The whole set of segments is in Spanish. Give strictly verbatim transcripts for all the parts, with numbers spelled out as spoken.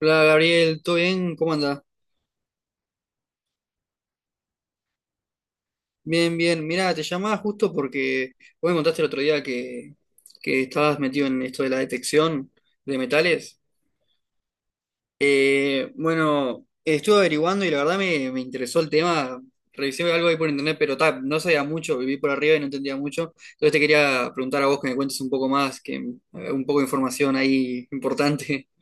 Hola Gabriel, ¿todo bien? ¿Cómo andás? Bien, bien. Mira, te llamaba justo porque vos me contaste el otro día que, que estabas metido en esto de la detección de metales. Eh, bueno, estuve averiguando y la verdad me, me interesó el tema. Revisé algo ahí por internet, pero ta, no sabía mucho, viví por arriba y no entendía mucho. Entonces te quería preguntar a vos que me cuentes un poco más, que eh, un poco de información ahí importante.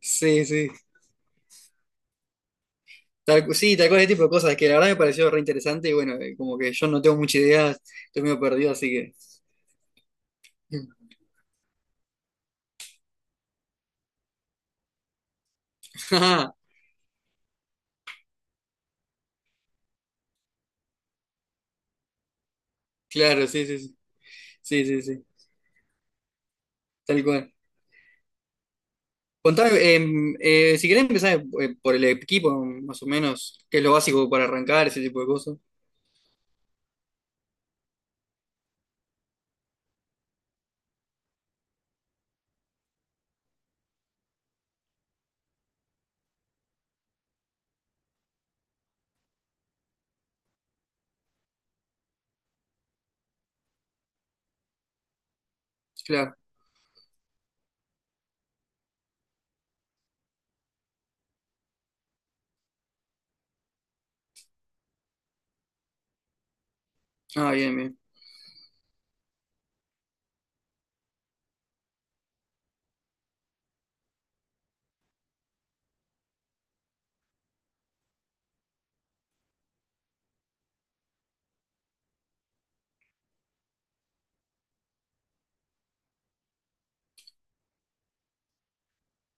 Sí, sí. Tal, cu- sí, tal cual ese tipo de cosas, que la verdad me pareció re interesante y bueno, eh, como que yo no tengo mucha idea, estoy medio perdido, así que... Ah, claro, sí, sí, sí, sí, sí, sí, tal cual. Contame, em, eh, si querés empezar eh, por el equipo, más o menos, qué es lo básico para arrancar, ese tipo de cosas. Claro, ah, bien, bien,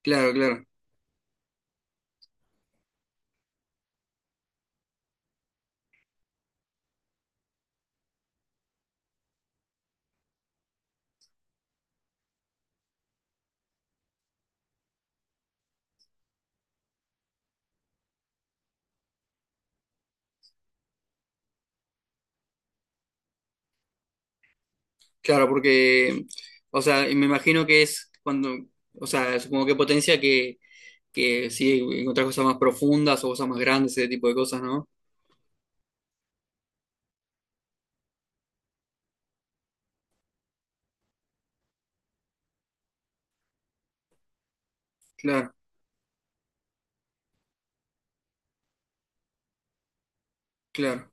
claro, claro, claro, porque, o sea, y me imagino que es cuando, o sea, supongo que potencia que, que sí, encontrar cosas más profundas o cosas más grandes, ese tipo de cosas, ¿no? Claro, claro.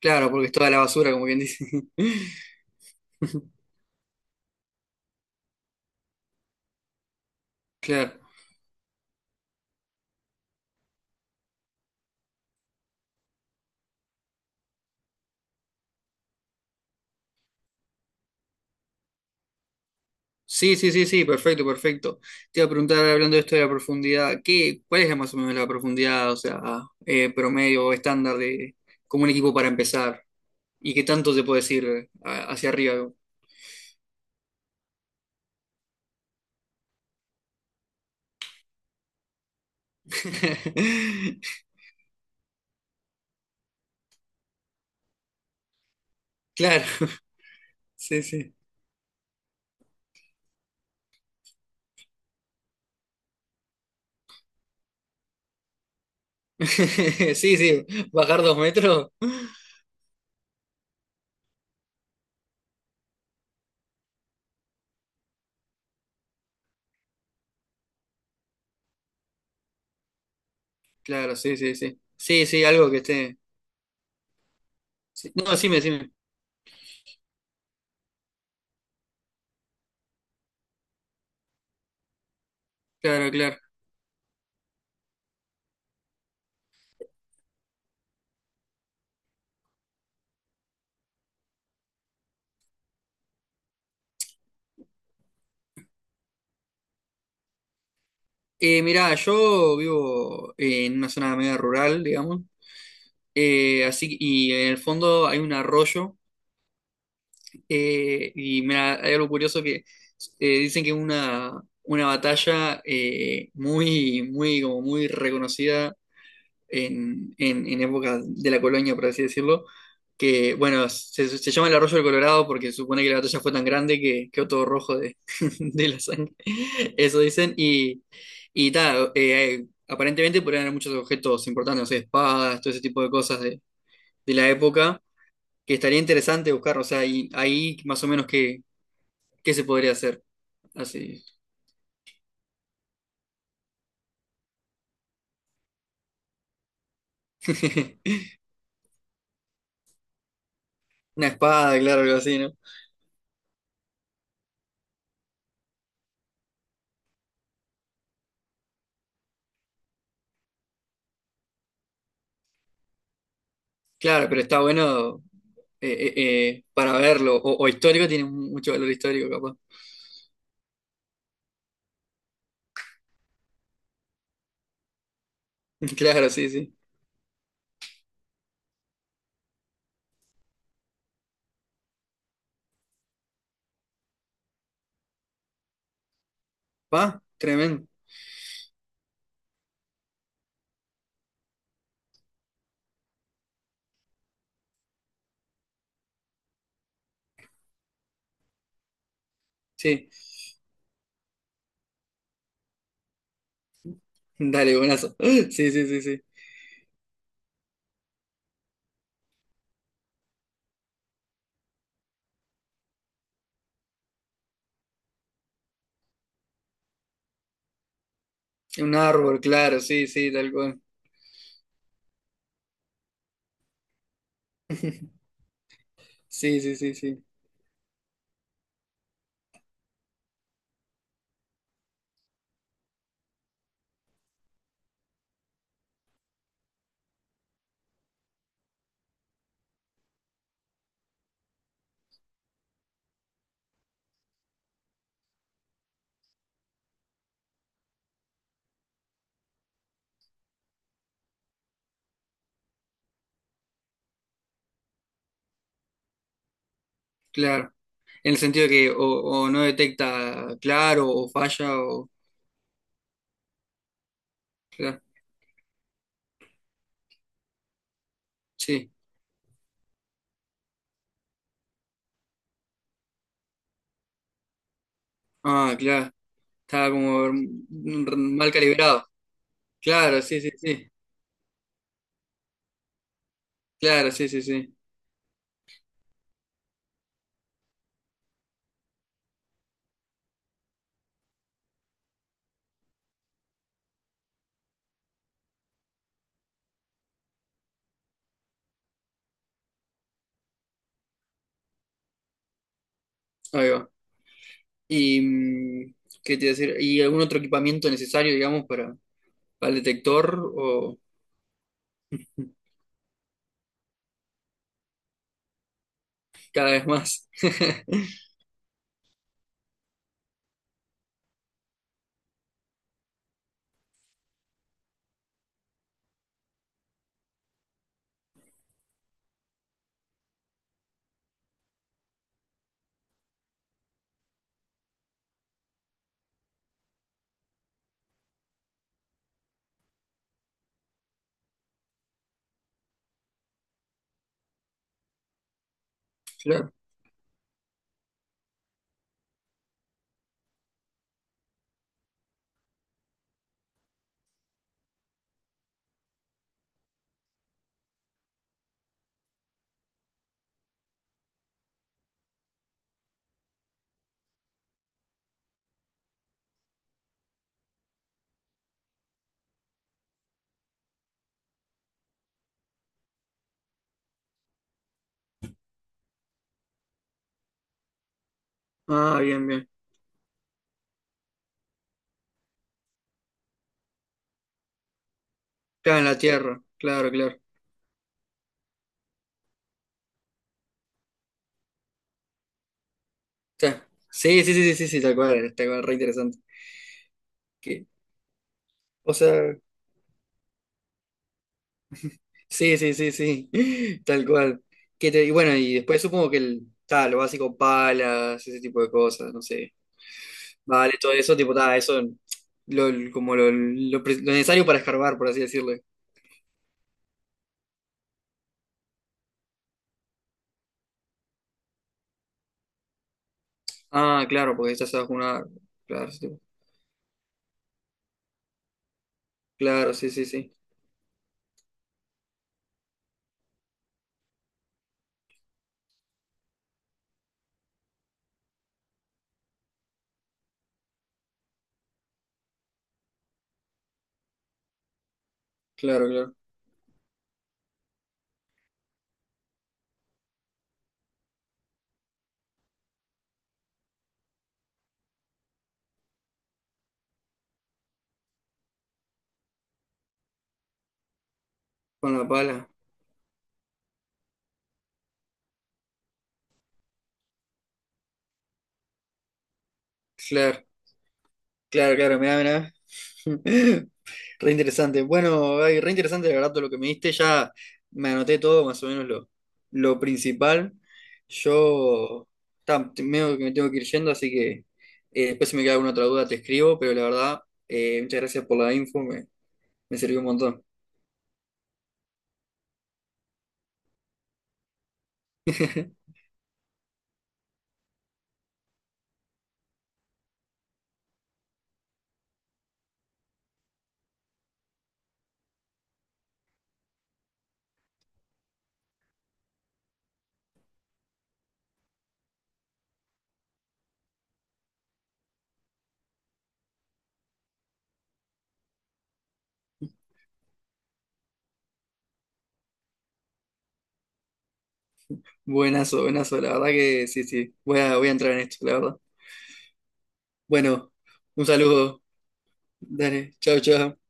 Claro, porque es toda la basura, como quien dice. Claro. Sí, sí, sí, sí, perfecto, perfecto. Te iba a preguntar, hablando de esto de la profundidad, ¿qué, cuál es la más o menos la profundidad, o sea, eh, promedio o estándar de como un equipo para empezar? ¿Y qué tanto se puede decir eh, hacia arriba? Claro, sí, sí. Sí, sí, bajar dos metros. Claro, sí, sí, sí. Sí, sí, algo que esté. Sí. No, decime, decime. Claro, claro. Eh, mirá, yo vivo en una zona media rural, digamos, eh, así que y en el fondo hay un arroyo eh, y mirá, hay algo curioso que eh, dicen que una una batalla eh, muy muy como muy reconocida en, en, en época de la colonia, por así decirlo, que, bueno, se, se llama el arroyo del Colorado porque supone que la batalla fue tan grande que quedó todo rojo de, de la sangre, eso dicen, y, y ta, eh, eh, aparentemente podrían haber muchos objetos importantes, no sé, espadas, todo ese tipo de cosas de, de la época, que estaría interesante buscar, o sea, y, ahí más o menos qué, qué se podría hacer, así, una espada, claro, algo así, ¿no? Claro, pero está bueno eh, eh, eh, para verlo. O, o histórico tiene mucho valor histórico, capaz. Claro, sí, sí. Va, tremendo. Sí. Dale, buenazo. Sí, sí, sí, sí. Un árbol, claro, sí, sí, tal cual. Sí, sí, sí, sí. Claro. En el sentido que o, o no detecta claro, o falla, o. Claro. Sí. Ah, claro. Estaba como mm, mal calibrado. Claro, sí, sí, sí. Claro, sí, sí, sí. Ahí va. Y mm, qué te iba a decir, y algún otro equipamiento necesario, digamos, para, al detector o cada vez más. Claro. Ah, bien, bien. Claro, en la Tierra. Claro, claro. Claro. Sí, sí, sí, sí, sí, sí, tal cual, tal cual, re interesante. Que, o sea, sí, sí, sí, sí, tal cual. Que te- y bueno, y después supongo que el, ta, lo básico, palas, ese tipo de cosas, no sé. Vale, todo eso, tipo, ta, eso, lo, como lo, lo pre- lo necesario para escarbar, por así decirlo. Ah, claro, porque estás bajo una... Claro, sí, claro, sí, sí, sí, claro, claro. Con la pala. Claro, claro, claro, mirá, mirá. Re interesante. Bueno, ay, re interesante la verdad todo lo que me diste. Ya me anoté todo, más o menos lo, lo principal. Yo ta, te- medio que me tengo que ir yendo, así que eh, después si me queda alguna otra duda te escribo, pero la verdad, eh, muchas gracias por la info, me, me sirvió un montón. Buenazo, buenazo, la verdad que sí, sí. Voy a, voy a entrar en esto, la verdad. Bueno, un saludo. Dale, chao, chao.